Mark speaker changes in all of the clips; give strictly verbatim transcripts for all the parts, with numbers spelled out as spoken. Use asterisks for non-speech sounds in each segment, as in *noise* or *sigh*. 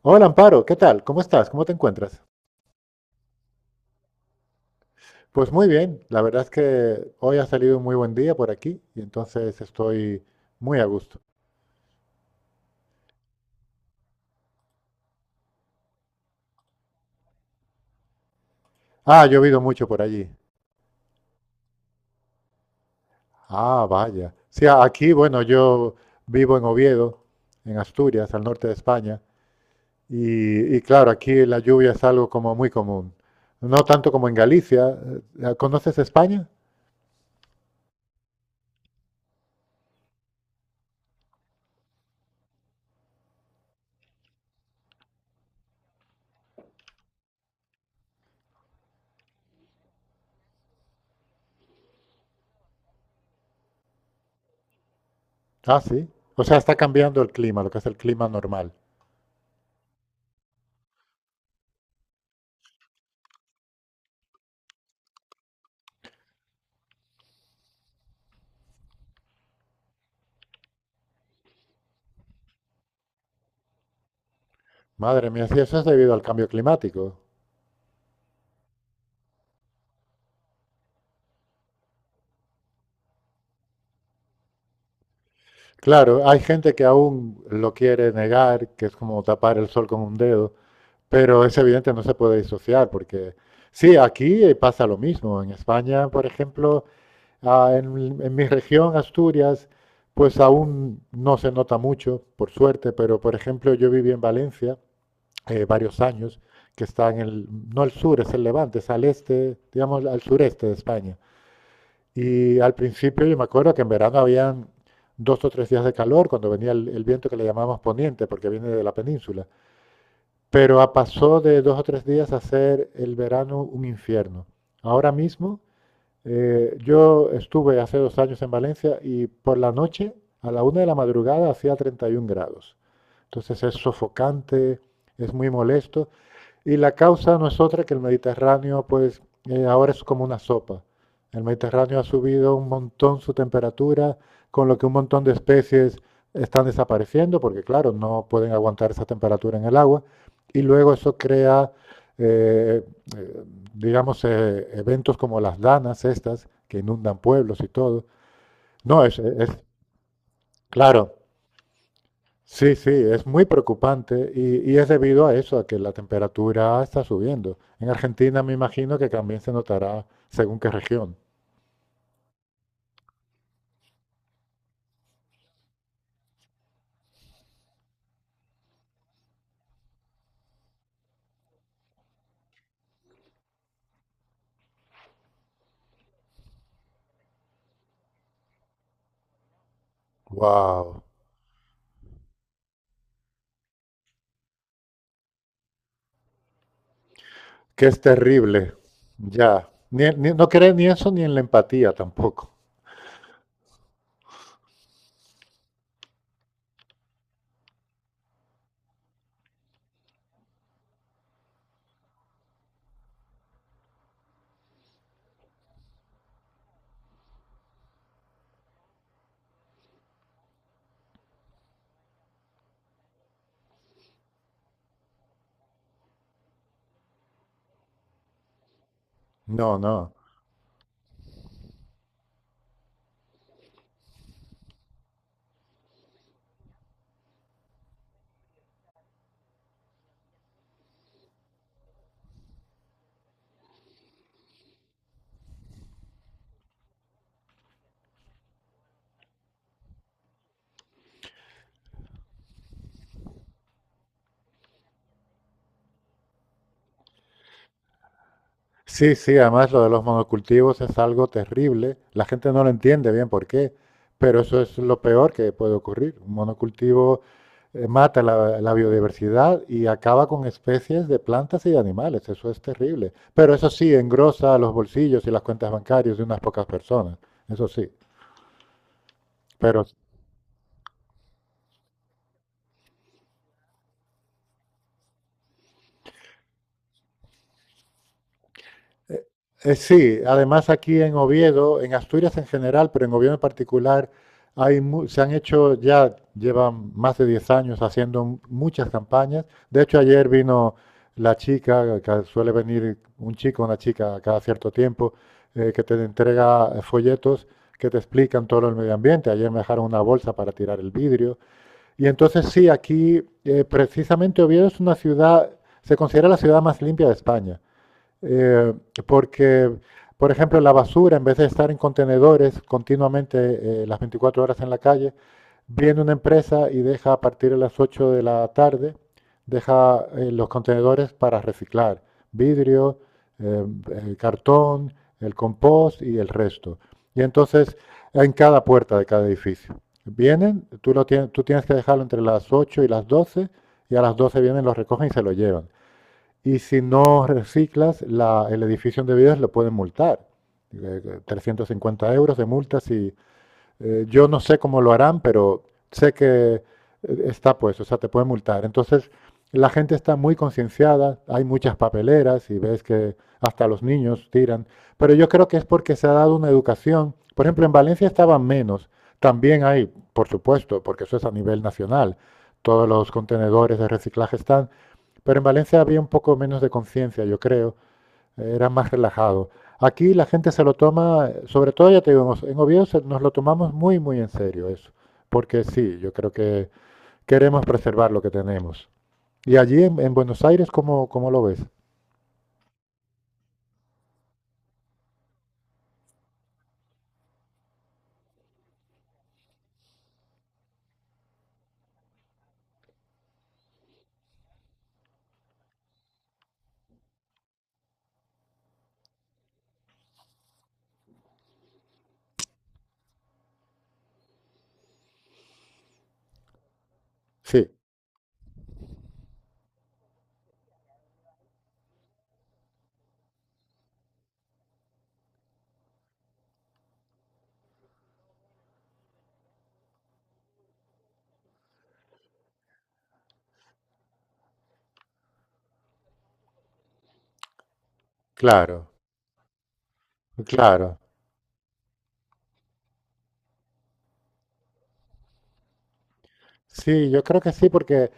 Speaker 1: Hola Amparo, ¿qué tal? ¿Cómo estás? ¿Cómo te encuentras? Pues muy bien, la verdad es que hoy ha salido un muy buen día por aquí y entonces estoy muy a gusto. Ah, ha llovido mucho por allí. Ah, vaya. Sí, a- aquí, bueno, yo vivo en Oviedo, en Asturias, al norte de España, y, y claro, aquí la lluvia es algo como muy común. No tanto como en Galicia. Eh, ¿Conoces España? Ah, sí. O sea, está cambiando el clima, lo que es el clima normal. Madre mía, sí, eso es debido al cambio climático. Claro, hay gente que aún lo quiere negar, que es como tapar el sol con un dedo, pero es evidente, no se puede disociar, porque sí, aquí eh, pasa lo mismo. En España, por ejemplo, ah, en, en mi región, Asturias, pues aún no se nota mucho, por suerte, pero por ejemplo, yo viví en Valencia eh, varios años, que está en el, no el sur, es el levante, es al este, digamos, al sureste de España. Y al principio yo me acuerdo que en verano habían dos o tres días de calor cuando venía el, el viento que le llamamos poniente, porque viene de la península. Pero a- pasó de dos o tres días a ser el verano un infierno. Ahora mismo, eh, yo estuve hace dos años en Valencia y por la noche, a la una de la madrugada, hacía treinta y uno grados. Entonces es sofocante, es muy molesto y la causa no es otra que el Mediterráneo, pues eh, ahora es como una sopa. El Mediterráneo ha subido un montón su temperatura, con lo que un montón de especies están desapareciendo, porque claro, no pueden aguantar esa temperatura en el agua. Y luego eso crea, eh, eh, digamos, eh, eventos como las danas estas, que inundan pueblos y todo. No, es, es claro. Sí, sí, es muy preocupante y, y es debido a eso, a que la temperatura está subiendo. En Argentina me imagino que también se notará según qué región. Wow, que es terrible. Ya, Ni- ni- no cree ni eso ni en la empatía tampoco. No, no. Sí, sí, además lo de los monocultivos es algo terrible. La gente no lo entiende bien por qué, pero eso es lo peor que puede ocurrir. Un monocultivo eh, mata la, la biodiversidad y acaba con especies de plantas y de animales. Eso es terrible. Pero eso sí, engrosa los bolsillos y las cuentas bancarias de unas pocas personas. Eso sí. Pero Eh, sí, además aquí en Oviedo, en Asturias en general, pero en Oviedo en particular, hay mu- se han hecho ya, llevan más de diez años haciendo m- muchas campañas. De hecho, ayer vino la chica, que suele venir un chico, una chica cada cierto tiempo, eh, que te entrega eh, folletos que te explican todo el medio ambiente. Ayer me dejaron una bolsa para tirar el vidrio. Y entonces sí, aquí eh, precisamente Oviedo es una ciudad, se considera la ciudad más limpia de España, eh, porque, por ejemplo, la basura, en vez de estar en contenedores continuamente eh, las veinticuatro horas en la calle, viene una empresa y deja a partir de las ocho de la tarde, deja eh, los contenedores para reciclar, vidrio, eh, el cartón, el compost y el resto. Y entonces, en cada puerta de cada edificio. Vienen, tú, lo tienes, tú tienes que dejarlo entre las ocho y las doce y a las doce vienen, lo recogen y se lo llevan. Y si no reciclas, la, el edificio donde vives lo pueden multar. Eh, trescientos cincuenta euros de multas y eh, yo no sé cómo lo harán, pero sé que eh, está pues, o sea, te pueden multar. Entonces, la gente está muy concienciada, hay muchas papeleras y ves que hasta los niños tiran, pero yo creo que es porque se ha dado una educación. Por ejemplo, en Valencia estaban menos, también hay, por supuesto, porque eso es a nivel nacional, todos los contenedores de reciclaje están, pero en Valencia había un poco menos de conciencia, yo creo, era más relajado. Aquí la gente se lo toma, sobre todo ya te digo, en Oviedo se- nos lo tomamos muy, muy en serio eso, porque sí, yo creo que queremos preservar lo que tenemos. ¿Y allí en, en Buenos Aires cómo, cómo lo ves? Sí, claro, claro. Sí, yo creo que sí, porque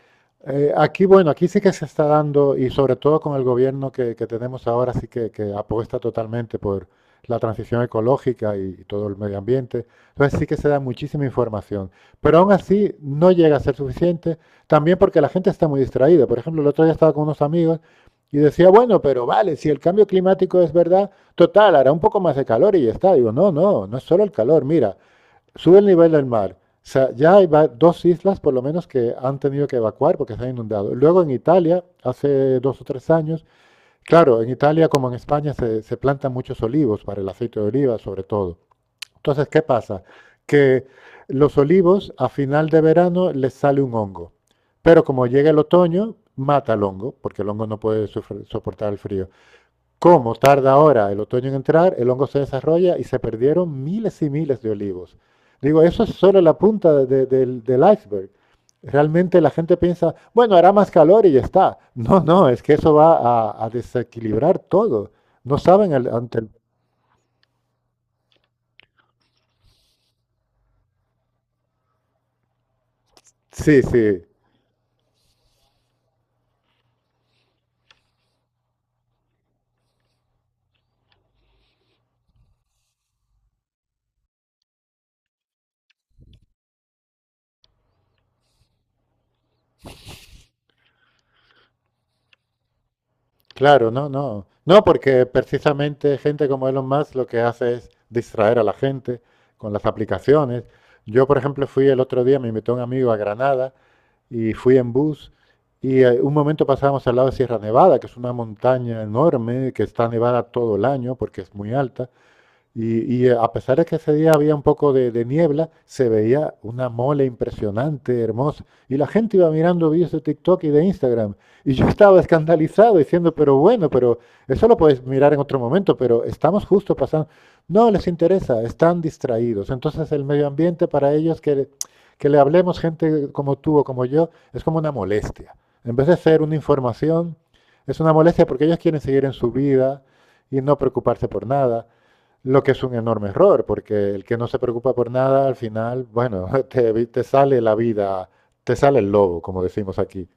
Speaker 1: eh, aquí, bueno, aquí sí que se está dando, y sobre todo con el gobierno que, que tenemos ahora, sí que, que apuesta totalmente por la transición ecológica y, y todo el medio ambiente. Entonces sí que se da muchísima información. Pero aún así no llega a ser suficiente, también porque la gente está muy distraída. Por ejemplo, el otro día estaba con unos amigos y decía, bueno, pero vale, si el cambio climático es verdad, total, hará un poco más de calor y ya está. Digo, no, no, no es solo el calor. Mira, sube el nivel del mar. O sea, ya hay dos islas por lo menos que han tenido que evacuar porque se han inundado. Luego en Italia, hace dos o tres años, claro, en Italia como en España se, se plantan muchos olivos para el aceite de oliva sobre todo. Entonces, ¿qué pasa? Que los olivos a final de verano les sale un hongo. Pero como llega el otoño, mata el hongo, porque el hongo no puede soportar el frío. Como tarda ahora el otoño en entrar, el hongo se desarrolla y se perdieron miles y miles de olivos. Digo, eso es solo la punta de- de- del, del iceberg. Realmente la gente piensa, bueno, hará más calor y ya está. No, no, es que eso va a, a desequilibrar todo. No saben el- ante el... Sí, sí, claro, no, no. No, porque precisamente gente como Elon Musk lo que hace es distraer a la gente con las aplicaciones. Yo, por ejemplo, fui el otro día, me invitó un amigo a Granada y fui en bus. Y eh, un momento pasábamos al lado de Sierra Nevada, que es una montaña enorme, que está nevada todo el año porque es muy alta. Y, y, eh, a pesar de que ese día había un poco de, de niebla, se veía una mole impresionante, hermosa. Y la gente iba mirando vídeos de TikTok y de Instagram. Y yo *laughs* estaba escandalizado diciendo, pero bueno, pero eso lo puedes mirar en otro momento, pero estamos justo pasando. No les interesa, están distraídos. Entonces el medio ambiente para ellos, que, que le hablemos gente como tú o como yo, es como una molestia. En vez de ser una información, es una molestia porque ellos quieren seguir en su vida y no preocuparse por nada. Lo que es un enorme error, porque el que no se preocupa por nada, al final, bueno, *laughs* te, te sale la vida, te sale el lobo, como decimos aquí.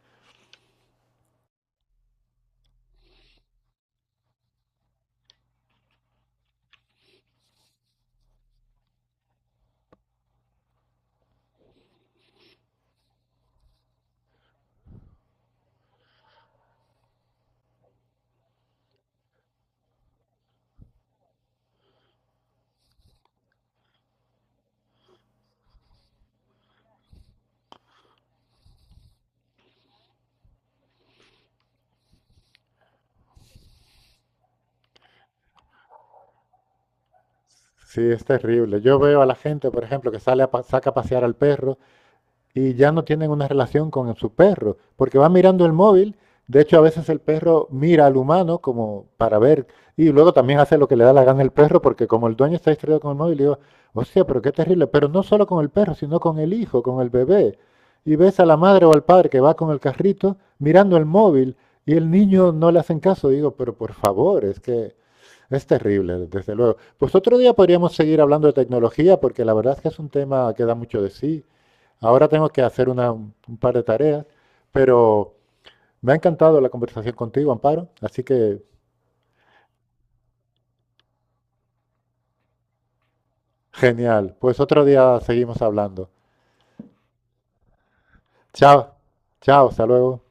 Speaker 1: Sí, es terrible. Yo veo a la gente, por ejemplo, que sale a pa- saca a pasear al perro y ya no tienen una relación con su perro, porque van mirando el móvil. De hecho, a veces el perro mira al humano como para ver, y luego también hace lo que le da la gana el perro, porque como el dueño está distraído con el móvil, digo, hostia, pero qué terrible. Pero no solo con el perro, sino con el hijo, con el bebé. Y ves a la madre o al padre que va con el carrito mirando el móvil y el niño no le hacen caso. Digo, pero por favor, es que es terrible, desde luego. Pues otro día podríamos seguir hablando de tecnología porque la verdad es que es un tema que da mucho de sí. Ahora tengo que hacer una- un un par de tareas, pero me ha encantado la conversación contigo, Amparo. Así que genial. Pues otro día seguimos hablando. Chao, chao, hasta luego.